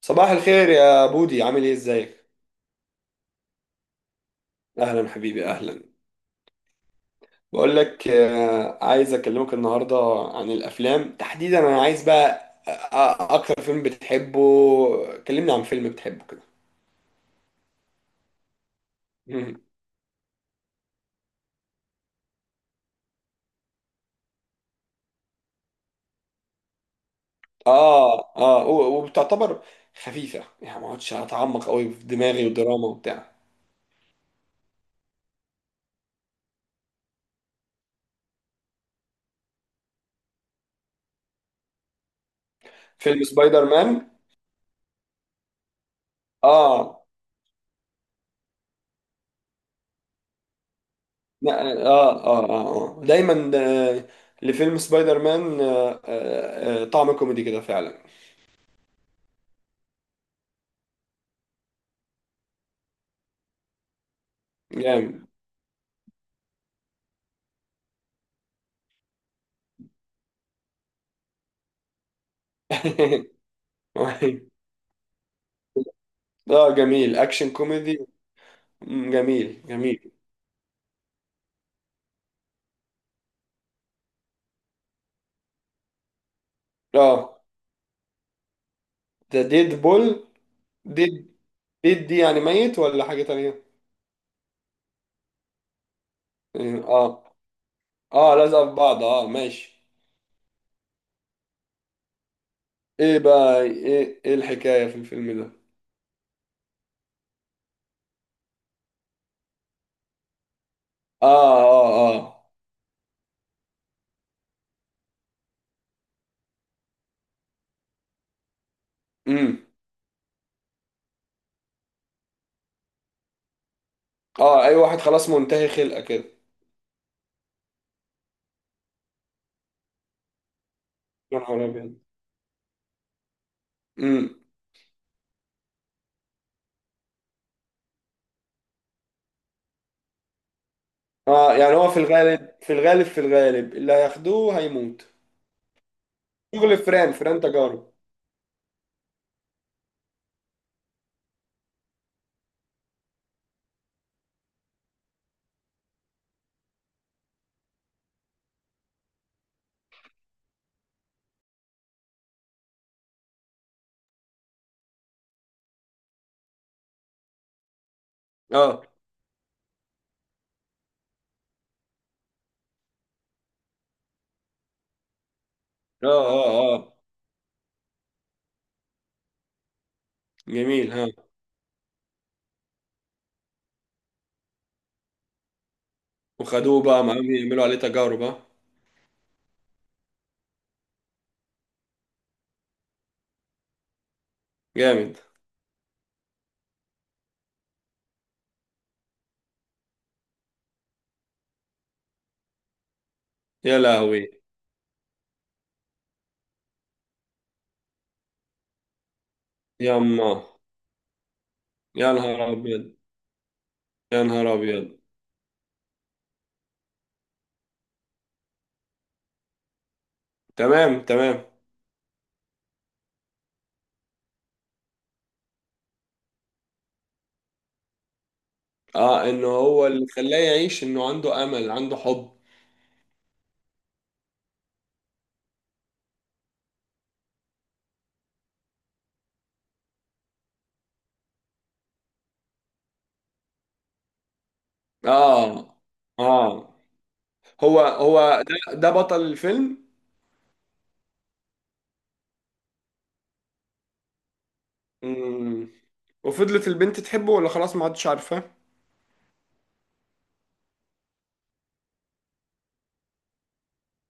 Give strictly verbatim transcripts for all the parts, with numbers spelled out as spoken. صباح الخير يا بودي، عامل ايه؟ ازيك؟ اهلا حبيبي، اهلا. بقول لك، آه، عايز اكلمك النهارده عن الافلام تحديدا. انا عايز بقى أ- أ- اكتر فيلم بتحبه. كلمني عن فيلم بتحبه كده. مم. اه اه، و- وبتعتبر خفيفه، يعني ما اقعدش اتعمق قوي في دماغي، ودراما وبتاع؟ فيلم سبايدر مان. اه. لا. اه اه اه. آه. آه. دايما. آه، لفيلم سبايدر مان آه، آه، آه، طعم كوميدي كده فعلا. جامد. أيوة. اه، جميل. اكشن كوميدي. أمم، جميل جميل. اه. ده ديد بول. ديد. ديد دي يعني ميت ولا حاجة تانية؟ يعني، اه. اه، لازقة في بعض، اه ماشي. ايه بقى؟ ايه ايه الحكاية في الفيلم ده؟ اه اه. اه. امم. اه، اي واحد خلاص منتهي خلقة كده. يا نهار ابيض. امم. اه، يعني هو في الغالب في الغالب في الغالب اللي هياخدوه هيموت. شغل فران فران تجارب. اه اه. اه اه. جميل، ها. وخدوه بقى معاهم يعملوا عليه تجارب، ها. جامد. يا لهوي. يا الله. يا نهار ابيض. يا نهار ابيض. تمام تمام. اه، انه هو اللي خلاه يعيش، انه عنده امل، عنده حب. اه. اه. هو هو ده, ده بطل الفيلم. مم. وفضلت البنت تحبه ولا خلاص ما عادش عارفاه؟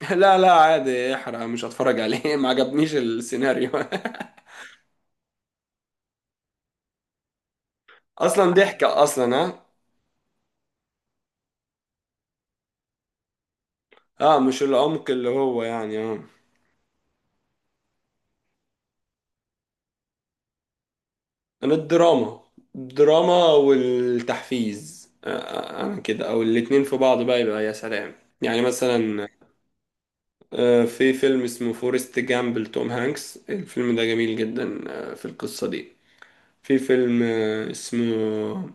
لا لا، عادي، احرق، مش هتفرج عليه. ما عجبنيش السيناريو. اصلا ضحكة اصلا، ها. اه، مش العمق اللي هو يعني اه. انا الدراما. الدراما والتحفيز، آه، آه، انا كده. او الاتنين في بعض بقى يبقى يا سلام. يعني مثلا آه، في فيلم اسمه فورست جامب لتوم هانكس، الفيلم ده جميل جدا. آه، في القصة دي. في فيلم آه، اسمه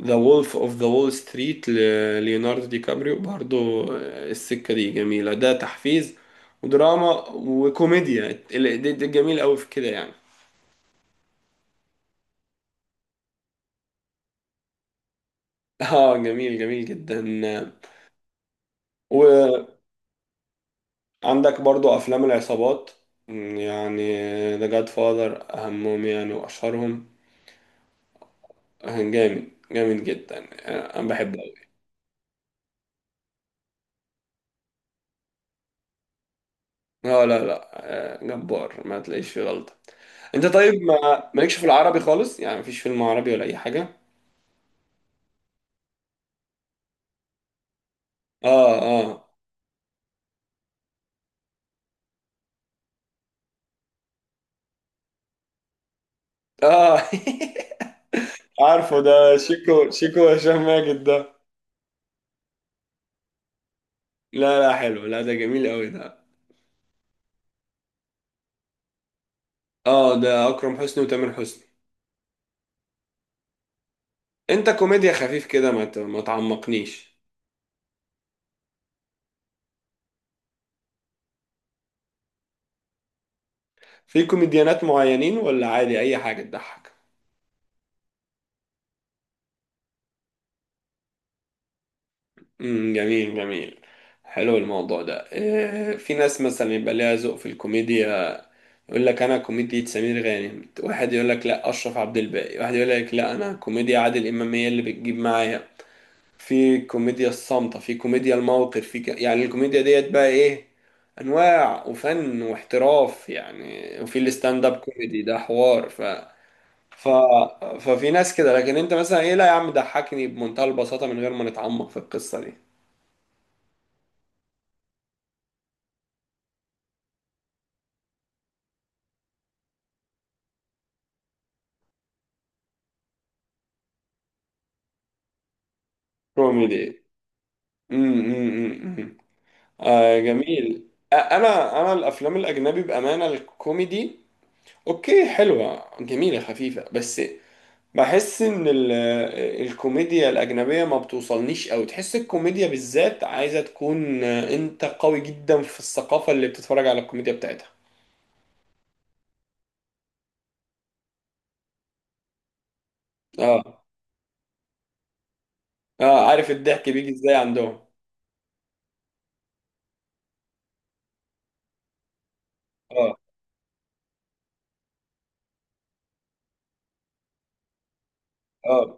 ذا وولف اوف ذا وول ستريت لليوناردو دي كابريو، برضو آه، السكة دي جميلة، ده تحفيز ودراما وكوميديا. ال- ده ده جميل قوي في كده يعني. اه، جميل جميل جدا. عندك برضو افلام العصابات، مم، يعني ذا جاد فاذر اهمهم يعني واشهرهم. جامد جامد جدا، يعني انا بحبه أوي. لا لا لا. آه، جبار ما تلاقيش فيه غلطة. انت طيب، ما مالكش في العربي خالص؟ يعني مفيش فيلم عربي ولا اي حاجة؟ اه اه. اه. عارفه، ده شيكو، شيكو هشام ماجد ده. لا لا، حلو، لا ده جميل قوي ده. اه، ده اكرم حسني وتامر حسني. انت كوميديا خفيف كده، ما ت- ما تعمقنيش. في كوميديانات معينين، ولا عادي اي حاجه تضحك؟ امم، جميل جميل. حلو الموضوع ده. إيه، في ناس مثلا يبقى ليها ذوق في الكوميديا. يقول لك انا كوميديا سمير غانم. واحد يقول لك لا، اشرف عبد الباقي. واحد يقول لك لا، انا كوميديا عادل امام هي اللي بتجيب معايا. في كوميديا الصامته، في كوميديا الموقف، في ك... يعني الكوميديا ديت بقى ايه، انواع وفن واحتراف يعني. وفي الستاند اب كوميدي، ده حوار. ف ف... ففي ناس كده. لكن انت مثلا ايه؟ لا يا عم، ضحكني بمنتهى البساطة، من غير ما نتعمق في القصة دي. كوميدي. امم امم امم آه، جميل. آه، انا انا الافلام الاجنبي بامانة، الكوميدي اوكي، حلوة جميلة خفيفة، بس بحس ان ال... الكوميديا الاجنبية ما بتوصلنيش قوي. تحس الكوميديا بالذات عايزة تكون، آه، انت قوي جدا في الثقافة اللي بتتفرج على الكوميديا بتاعتها. اه. اه، عارف الضحك بيجي ازاي عندهم. اه. اه.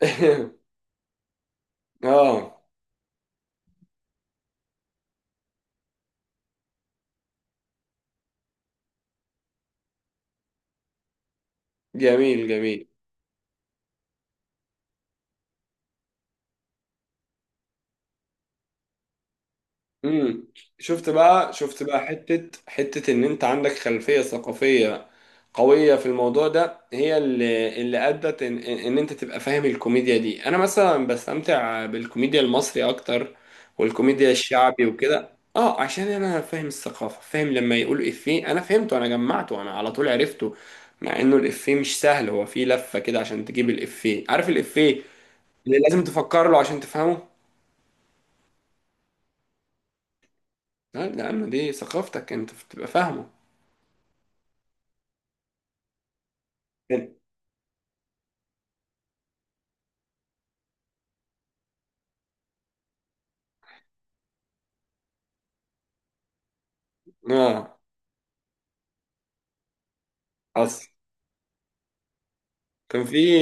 اه، جميل جميل. امم. شفت بقى، شفت بقى، حتة حتة، ان انت عندك خلفية ثقافية قوية في الموضوع ده، هي اللي اللي ادت ان, ان انت تبقى فاهم الكوميديا دي. انا مثلا بستمتع بالكوميديا المصري اكتر، والكوميديا الشعبي وكده. اه، عشان انا فاهم الثقافة. فاهم لما يقول افيه انا فهمته، انا جمعته، انا على طول عرفته. مع انه الافيه مش سهل، هو فيه لفة كده عشان تجيب الافيه، عارف الافيه اللي لازم تفكر له عشان تفهمه. لا يا عم، دي ثقافتك انت، بتبقى فاهمه. كان- اه، اصل كان في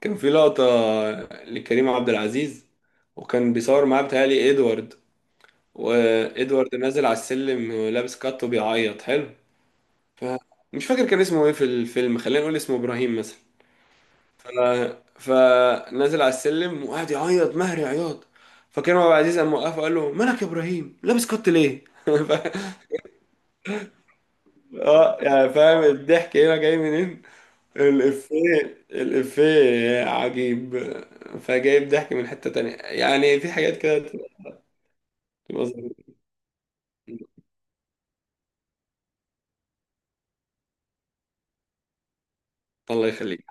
كان في لقطة لكريم عبد العزيز، وكان بيصور معاه بتهيألي ادوارد. وادوارد نازل على السلم لابس كات وبيعيط. حلو. ف... مش فاكر كان اسمه ايه في الفيلم، خلينا نقول اسمه ابراهيم مثلا. ف... فنازل على السلم وقعد يعيط مهري عياط. فكريم عبد العزيز قام وقفه وقال له مالك يا ابراهيم، لابس كات ليه؟ ف... اه، يعني فاهم الضحك هنا جاي منين. الإفيه، الإفيه عجيب. فجايب ضحك من حتة تانية، يعني في حاجات كده بتبقى ظريفة. الله يخليك.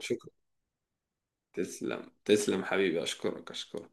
شكرا. تسلم تسلم حبيبي، أشكرك أشكرك.